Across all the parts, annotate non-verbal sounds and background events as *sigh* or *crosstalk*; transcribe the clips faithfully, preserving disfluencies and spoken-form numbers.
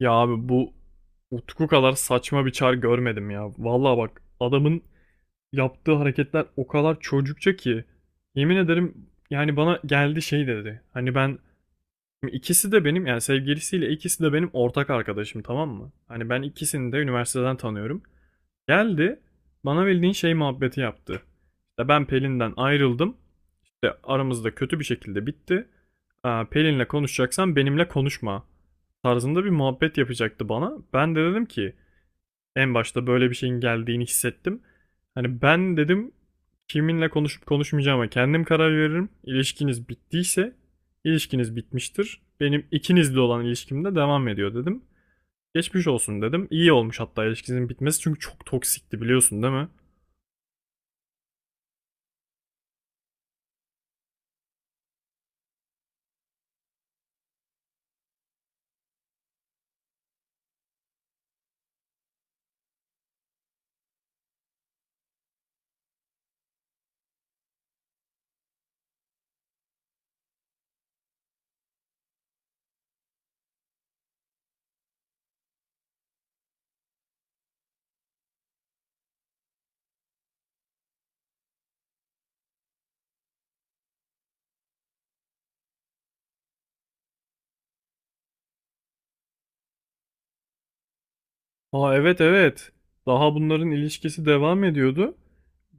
Ya abi bu Utku kadar saçma bir çar görmedim ya. Vallahi bak adamın yaptığı hareketler o kadar çocukça ki yemin ederim yani bana geldi şey dedi. Hani ben ikisi de benim yani sevgilisiyle ikisi de benim ortak arkadaşım, tamam mı? Hani ben ikisini de üniversiteden tanıyorum. Geldi bana bildiğin şey muhabbeti yaptı. İşte ben Pelin'den ayrıldım de aramızda kötü bir şekilde bitti. Aa, Pelin'le konuşacaksan benimle konuşma tarzında bir muhabbet yapacaktı bana. Ben de dedim ki en başta böyle bir şeyin geldiğini hissettim. Hani ben dedim kiminle konuşup konuşmayacağıma kendim karar veririm. İlişkiniz bittiyse ilişkiniz bitmiştir. Benim ikinizle olan ilişkim de devam ediyor dedim. Geçmiş olsun dedim. İyi olmuş hatta ilişkinizin bitmesi çünkü çok toksikti, biliyorsun değil mi? Aa, evet evet. Daha bunların ilişkisi devam ediyordu.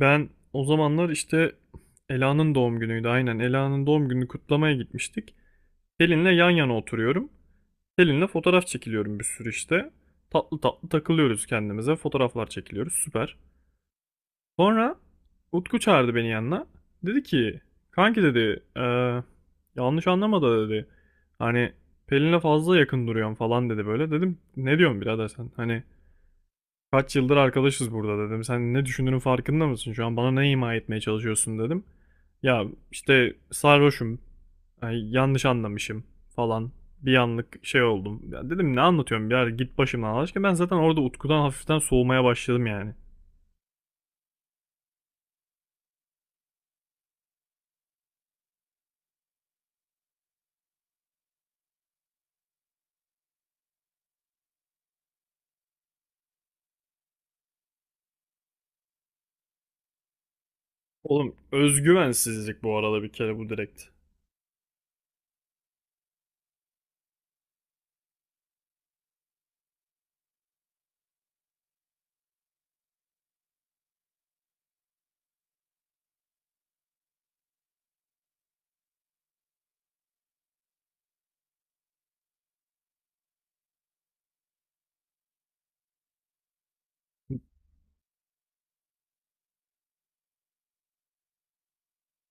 Ben o zamanlar işte Ela'nın doğum günüydü. Aynen Ela'nın doğum gününü kutlamaya gitmiştik. Selin'le yan yana oturuyorum. Selin'le fotoğraf çekiliyorum bir sürü işte. Tatlı tatlı takılıyoruz kendimize. Fotoğraflar çekiliyoruz. Süper. Sonra Utku çağırdı beni yanına. Dedi ki kanki dedi, "eee, yanlış anlama da dedi. Hani Pelin'le fazla yakın duruyorsun falan dedi böyle. Dedim ne diyorsun birader sen? Hani kaç yıldır arkadaşız burada dedim. Sen ne düşündüğünün farkında mısın? Şu an bana ne ima etmeye çalışıyorsun dedim. Ya işte sarhoşum. Ay, yanlış anlamışım falan. Bir anlık şey oldum. Ya dedim ne anlatıyorum ya git başımdan Allah aşkına. Ben zaten orada Utku'dan hafiften soğumaya başladım yani. Oğlum özgüvensizlik bu arada, bir kere bu direkt.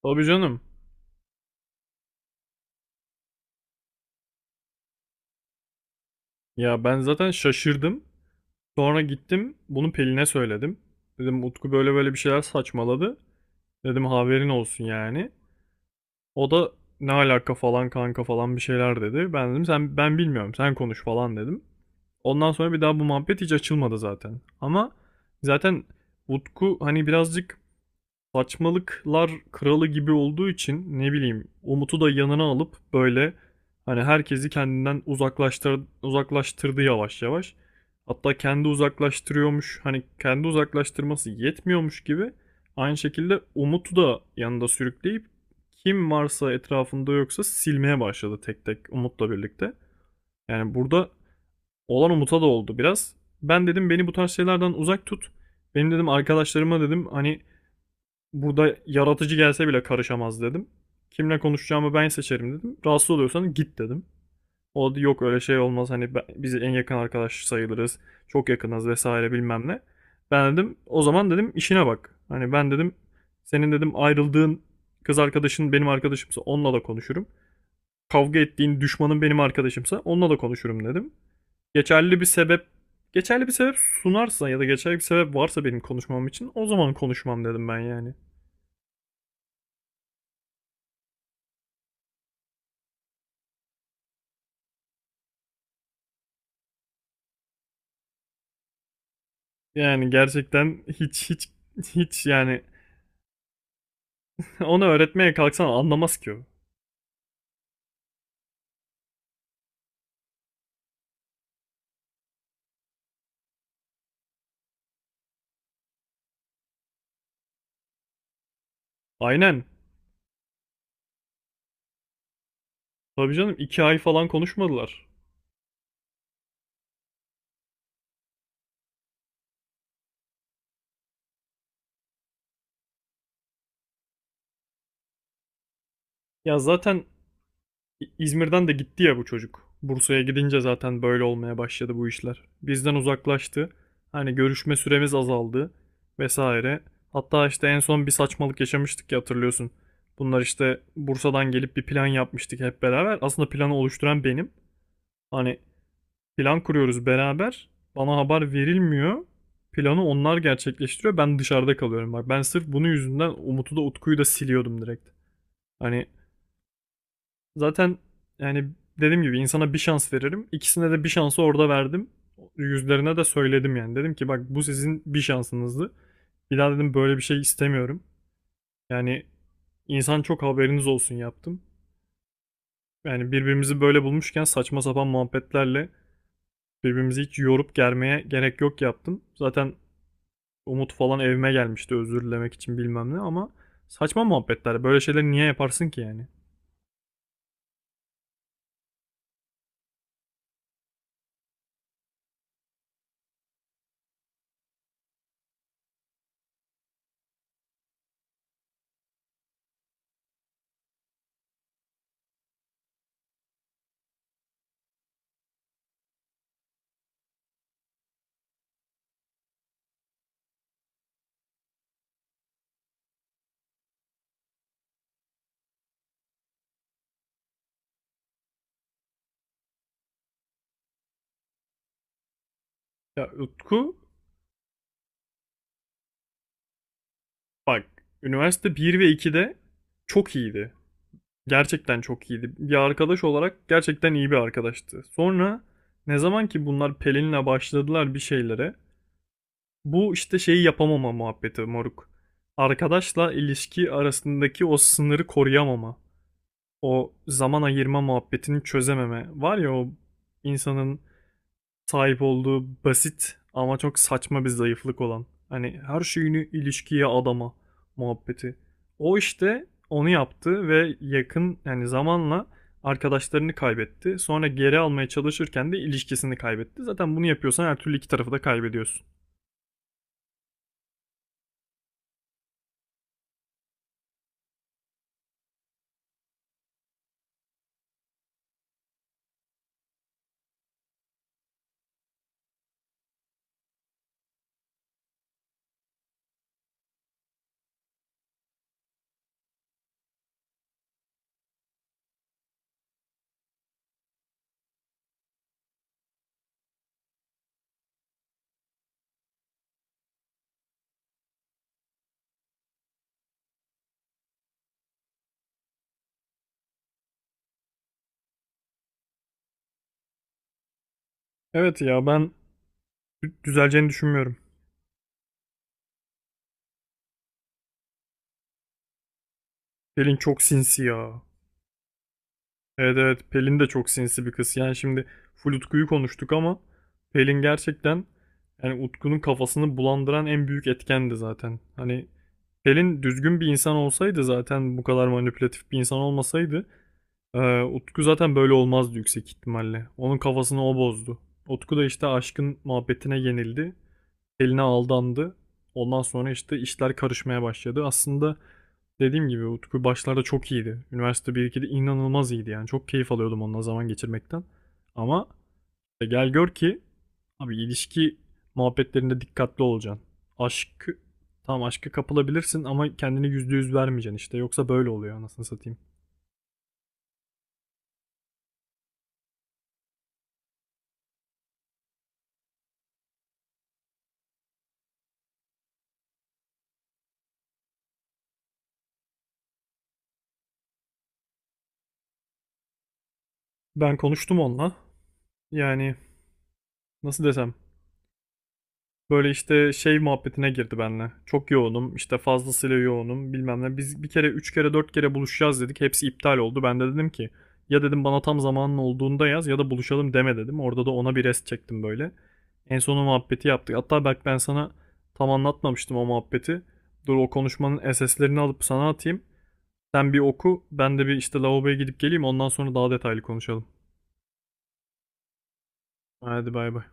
Tabii canım. Ya ben zaten şaşırdım. Sonra gittim bunu Pelin'e söyledim. Dedim Utku böyle böyle bir şeyler saçmaladı. Dedim haberin olsun yani. O da ne alaka falan kanka falan bir şeyler dedi. Ben dedim sen, ben bilmiyorum sen konuş falan dedim. Ondan sonra bir daha bu muhabbet hiç açılmadı zaten. Ama zaten Utku hani birazcık saçmalıklar kralı gibi olduğu için ne bileyim Umut'u da yanına alıp böyle hani herkesi kendinden uzaklaştır, uzaklaştırdı yavaş yavaş. Hatta kendi uzaklaştırıyormuş, hani kendi uzaklaştırması yetmiyormuş gibi aynı şekilde Umut'u da yanında sürükleyip kim varsa etrafında yoksa silmeye başladı tek tek Umut'la birlikte. Yani burada olan Umut'a da oldu biraz. Ben dedim beni bu tarz şeylerden uzak tut. Benim dedim arkadaşlarıma dedim hani burada yaratıcı gelse bile karışamaz dedim. Kimle konuşacağımı ben seçerim dedim. Rahatsız oluyorsan git dedim. O da yok öyle şey olmaz hani ben- biz en yakın arkadaş sayılırız. Çok yakınız vesaire bilmem ne. Ben dedim o zaman dedim işine bak. Hani ben dedim senin dedim ayrıldığın kız arkadaşın benim arkadaşımsa onunla da konuşurum. Kavga ettiğin düşmanın benim arkadaşımsa onunla da konuşurum dedim. Geçerli bir sebep geçerli bir sebep sunarsa ya da geçerli bir sebep varsa benim konuşmam için o zaman konuşmam dedim ben yani. Yani gerçekten hiç hiç hiç yani *laughs* onu öğretmeye kalksan anlamaz ki o. Aynen. Tabii canım iki ay falan konuşmadılar. Ya zaten İ- İzmir'den de gitti ya bu çocuk. Bursa'ya gidince zaten böyle olmaya başladı bu işler. Bizden uzaklaştı. Hani görüşme süremiz azaldı vesaire. Hatta işte en son bir saçmalık yaşamıştık ya hatırlıyorsun. Bunlar işte Bursa'dan gelip bir plan yapmıştık hep beraber. Aslında planı oluşturan benim. Hani plan kuruyoruz beraber. Bana haber verilmiyor. Planı onlar gerçekleştiriyor. Ben dışarıda kalıyorum. Bak ben sırf bunun yüzünden Umut'u da Utku'yu da siliyordum direkt. Hani zaten yani dediğim gibi insana bir şans veririm. İkisine de bir şansı orada verdim. Yüzlerine de söyledim yani. Dedim ki bak bu sizin bir şansınızdı. Bir daha dedim böyle bir şey istemiyorum. Yani insan çok haberiniz olsun yaptım. Yani birbirimizi böyle bulmuşken saçma sapan muhabbetlerle birbirimizi hiç yorup germeye gerek yok yaptım. Zaten Umut falan evime gelmişti özür dilemek için bilmem ne ama saçma muhabbetler. Böyle şeyleri niye yaparsın ki yani? Ya Utku bak üniversite bir ve ikide çok iyiydi. Gerçekten çok iyiydi. Bir arkadaş olarak gerçekten iyi bir arkadaştı. Sonra ne zaman ki bunlar Pelin'le başladılar bir şeylere, bu işte şeyi yapamama muhabbeti moruk. Arkadaşla ilişki arasındaki o sınırı koruyamama. O zaman ayırma muhabbetini çözememe. Var ya o insanın sahip olduğu basit ama çok saçma bir zayıflık olan. Hani her şeyini ilişkiye adama muhabbeti. O işte onu yaptı ve yakın yani zamanla arkadaşlarını kaybetti. Sonra geri almaya çalışırken de ilişkisini kaybetti. Zaten bunu yapıyorsan her türlü iki tarafı da kaybediyorsun. Evet ya ben düzeleceğini düşünmüyorum. Pelin çok sinsi ya. Evet evet Pelin de çok sinsi bir kız. Yani şimdi full Utku'yu konuştuk ama Pelin gerçekten yani Utku'nun kafasını bulandıran en büyük etkendi zaten. Hani Pelin düzgün bir insan olsaydı, zaten bu kadar manipülatif bir insan olmasaydı eee, Utku zaten böyle olmazdı yüksek ihtimalle. Onun kafasını o bozdu. Utku da işte aşkın muhabbetine yenildi. Pelin'e aldandı. Ondan sonra işte işler karışmaya başladı. Aslında dediğim gibi Utku başlarda çok iyiydi. Üniversite bir ikide inanılmaz iyiydi yani. Çok keyif alıyordum onunla zaman geçirmekten. Ama e, gel gör ki abi ilişki muhabbetlerinde dikkatli olacaksın. Aşkı Tam aşka kapılabilirsin ama kendini yüzde yüz vermeyeceksin işte. Yoksa böyle oluyor anasını satayım. Ben konuştum onunla. Yani nasıl desem böyle işte şey muhabbetine girdi benimle. Çok yoğunum, işte fazlasıyla yoğunum bilmem ne. Biz bir kere, üç kere, dört kere buluşacağız dedik. Hepsi iptal oldu. Ben de dedim ki ya dedim bana tam zamanın olduğunda yaz ya da buluşalım deme dedim. Orada da ona bir rest çektim böyle. En sonu muhabbeti yaptık. Hatta bak ben sana tam anlatmamıştım o muhabbeti. Dur o konuşmanın S S'lerini alıp sana atayım. Sen bir oku, ben de bir işte lavaboya gidip geleyim. Ondan sonra daha detaylı konuşalım. Hadi bay bay.